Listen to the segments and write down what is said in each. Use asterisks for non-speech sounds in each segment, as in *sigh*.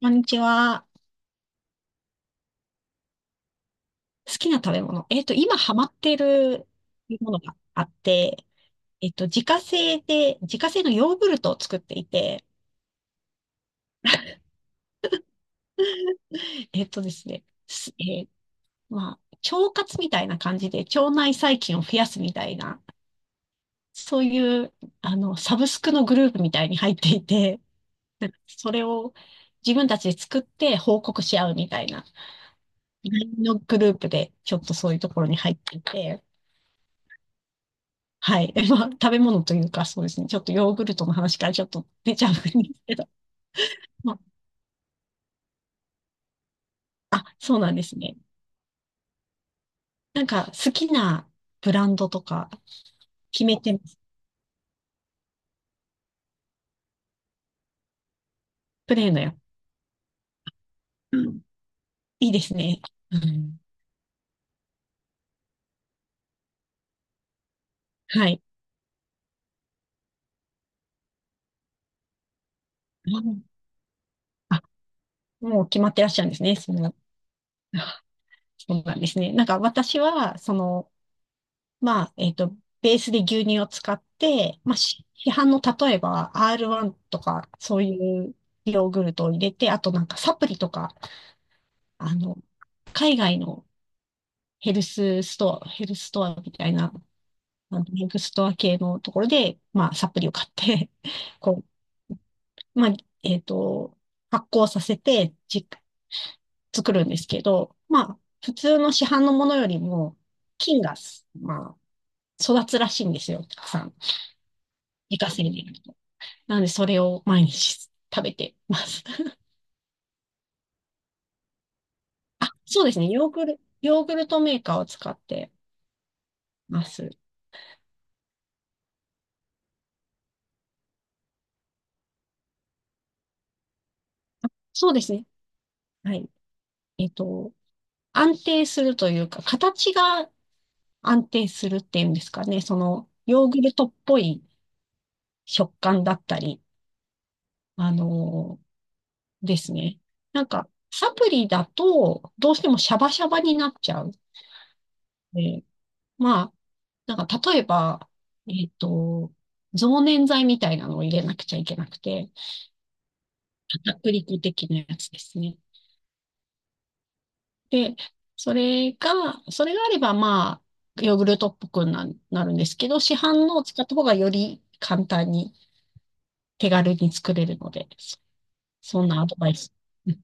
こんにちは。好きな食べ物。今ハマってるものがあって、自家製のヨーグルトを作っていて、えっとですね、すえーまあ、腸活みたいな感じで、腸内細菌を増やすみたいな、そういう、サブスクのグループみたいに入っていて、なんかそれを自分たちで作って報告し合うみたいな、ラインのグループで、ちょっとそういうところに入っていて、はい。*laughs* まあ、食べ物というか、そうですね。ちょっとヨーグルトの話からちょっと出ちゃうんですけど。*laughs* まあ、あ、そうなんですね。なんか、好きなブランドとか決めてます？プレーのやつ。うん、いいですね。うん、はい。うん、あ、もう決まってらっしゃるんですね。その、*laughs* あ、そうなんですね。なんか、私は、その、まあ、ベースで牛乳を使って、まあ、市販の例えば R1 とか、そういうヨーグルトを入れて、あとなんかサプリとか、あの、海外のヘルスストアみたいな、あのヘルスストア系のところで、まあ、サプリを買って *laughs* こう、まあ、えっと、発酵させて、作るんですけど、まあ、普通の市販のものよりも、菌が、まあ、育つらしいんですよ、たくさん。自家製で。なので、それを毎日食べてます。*laughs* あ、そうですね。ヨーグルトメーカーを使ってます。そうですね。はい。えっと、安定するというか、形が安定するっていうんですかね。その、ヨーグルトっぽい食感だったり、あのーですね。なんか、サプリだと、どうしてもシャバシャバになっちゃう。で、まあ、なんか、例えば、えっと、増粘剤みたいなのを入れなくちゃいけなくて、片栗粉的なやつですね。で、それが、それがあれば、まあ、ヨーグルトっぽくなるんですけど、市販のを使った方がより簡単に手軽に作れるので、そんなアドバイス。うん、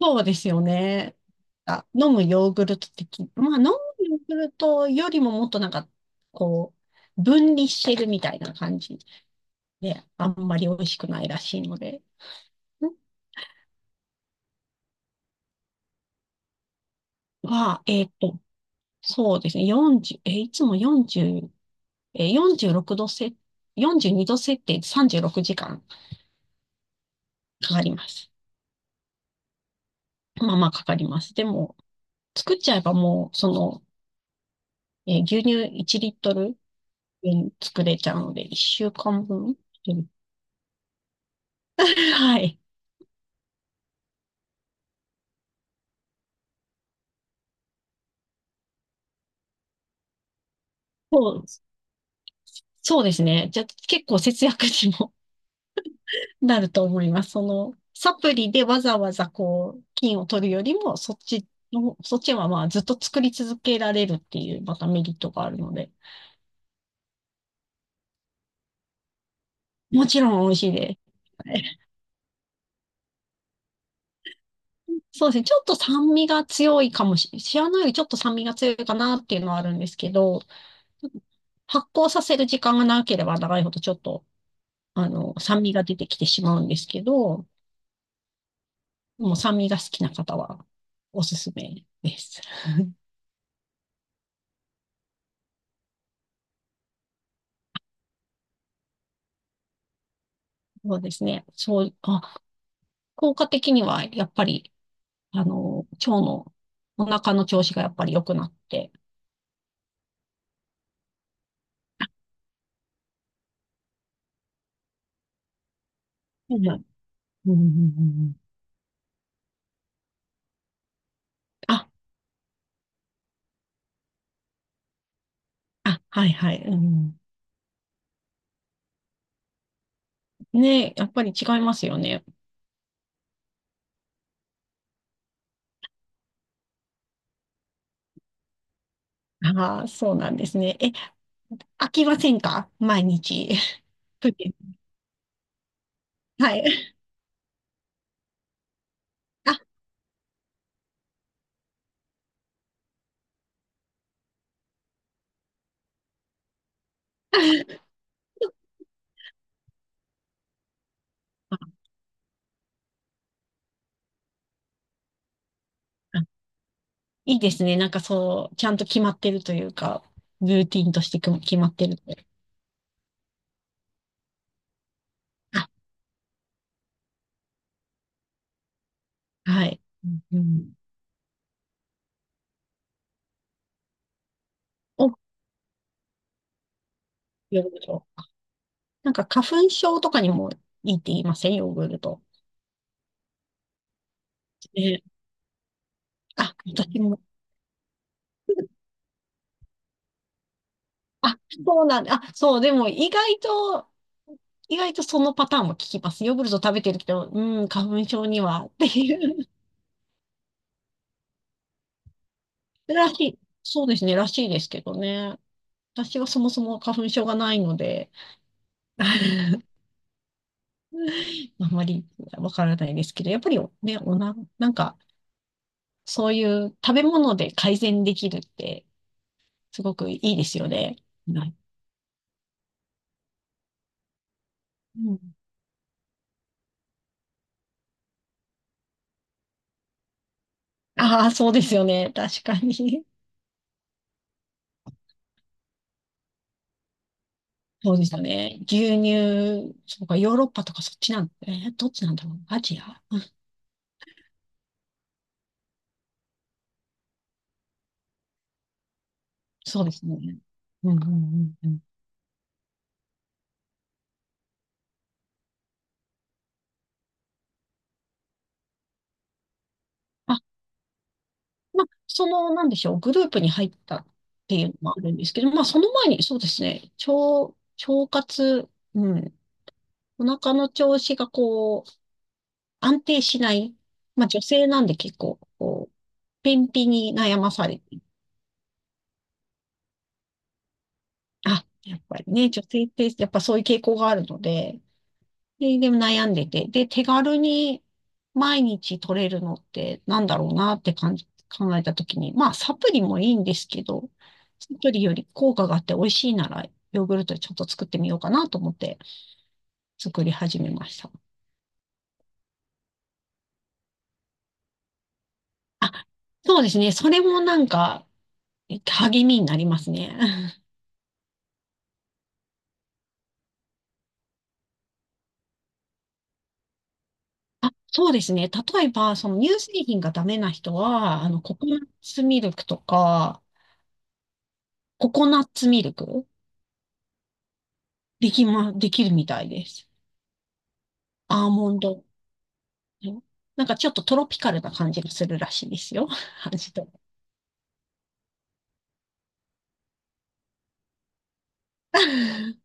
そうですよね。あ、飲むヨーグルト的、まあ、飲むヨーグルトよりももっとなんか、こう、分離してるみたいな感じで、あんまり美味しくないらしいので、ん、は、えっと、そうですね、40、え、いつも40、えー46度せ、42度設定で36時間かかります。まあまあかかります。でも、作っちゃえばもう、その、えー牛乳1リットル分作れちゃうので、1週間分。*laughs* うん、はい。そう、そうですね。じゃあ結構節約にも *laughs* なると思います。その、サプリでわざわざこう、菌を取るよりも、そっちはまあずっと作り続けられるっていう、またメリットがあるので、もちろん美味しいです。そうですね。ちょっと酸味が強いかもしれない。シアノよりちょっと酸味が強いかなっていうのはあるんですけど、発酵させる時間が長ければ長いほどちょっと、酸味が出てきてしまうんですけど、もう酸味が好きな方はおすすめです。そうですね。そう、あ、効果的にはやっぱり、腸の、お腹の調子がやっぱり良くなって。はいはい、うんうんうんうん、あ、あ、はいはい。うん、ね、やっぱり違いますよね。ああ、そうなんですね。え、飽きませんか毎日？*laughs* プリン、はい。あ、*laughs* ああ、いいですね。なんかそう、ちゃんと決まってるというか、ルーティンとしてく決まってるので。あ、はい。うんうん、お、ヨーグルト。なんか花粉症とかにもいいって言いませんヨーグルト？ね、あ、私も。あ、そうなんだ。あ、そう、でも意外と、意外とそのパターンも聞きます。ヨーグルト食べてるけど、うん、花粉症にはっていう。らしい。そうですね、らしいですけどね。私はそもそも花粉症がないので、*laughs* あまりわからないですけど、やっぱりね、なんか、そういう食べ物で改善できるって、すごくいいですよね。はい。うん、ああ、そうですよね。確かに。そうですよね。牛乳、そうか、ヨーロッパとかそっちなん、どっちなんだろう。アジア？そうですね。うんうんうんうん。まあ、その、なんでしょう、グループに入ったっていうのもあるんですけど、まあ、その前に、そうですね、腸活、うん、お腹の調子がこう、安定しない。まあ、女性なんで結構、こう、便秘に悩まされて、あ、やっぱりね、女性ってやっぱそういう傾向があるので、でも悩んでて。で、手軽に毎日取れるのってなんだろうなって感じ、考えたときに、まあサプリもいいんですけど、サプリより効果があって美味しいなら、ヨーグルトちょっと作ってみようかなと思って作り始めました。あ、そうですね。それもなんか励みになりますね。*laughs* あ、そうですね。例えば、その乳製品がダメな人は、ココナッツミルクとか、ココナッツミルク、できるみたいです。アーモンド。なんかちょっとトロピカルな感じがするらしいですよ。*laughs* 味と。*laughs*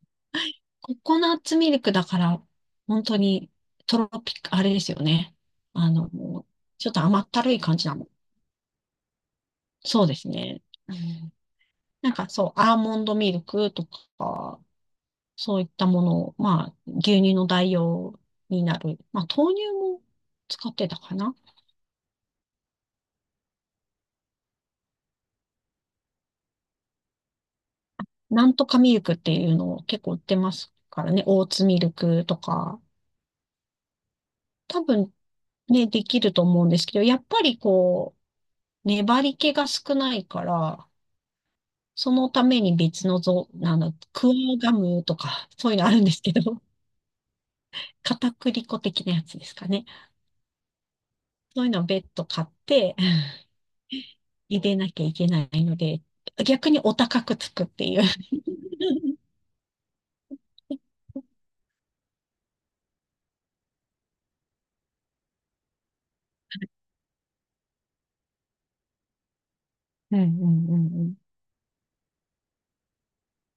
ココナッツミルクだから、本当にトロピカ、あれですよね。あの、ちょっと甘ったるい感じなの。そうですね。うん、なんかそう、アーモンドミルクとか、そういったものを、まあ、牛乳の代用になる。まあ、豆乳も使ってたかな。なんとかミルクっていうのを結構売ってますからね。オーツミルクとか。多分ね、できると思うんですけど、やっぱりこう、粘り気が少ないから、そのために別のぞ、なんだ、クワガムとか、そういうのあるんですけど、*laughs* 片栗粉的なやつですかね。そういうのを別途買って、*laughs* 入れなきゃいけないので、逆にお高くつくっていう。*laughs* うんうんうんうん。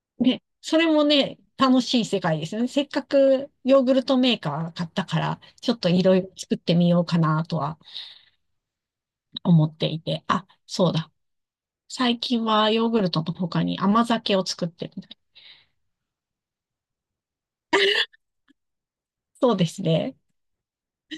*laughs* ね、それもね、楽しい世界ですよね。せっかくヨーグルトメーカー買ったから、ちょっといろいろ作ってみようかなとは思っていて、あ、そうだ。最近はヨーグルトの他に甘酒を作ってるみたい。そうですね。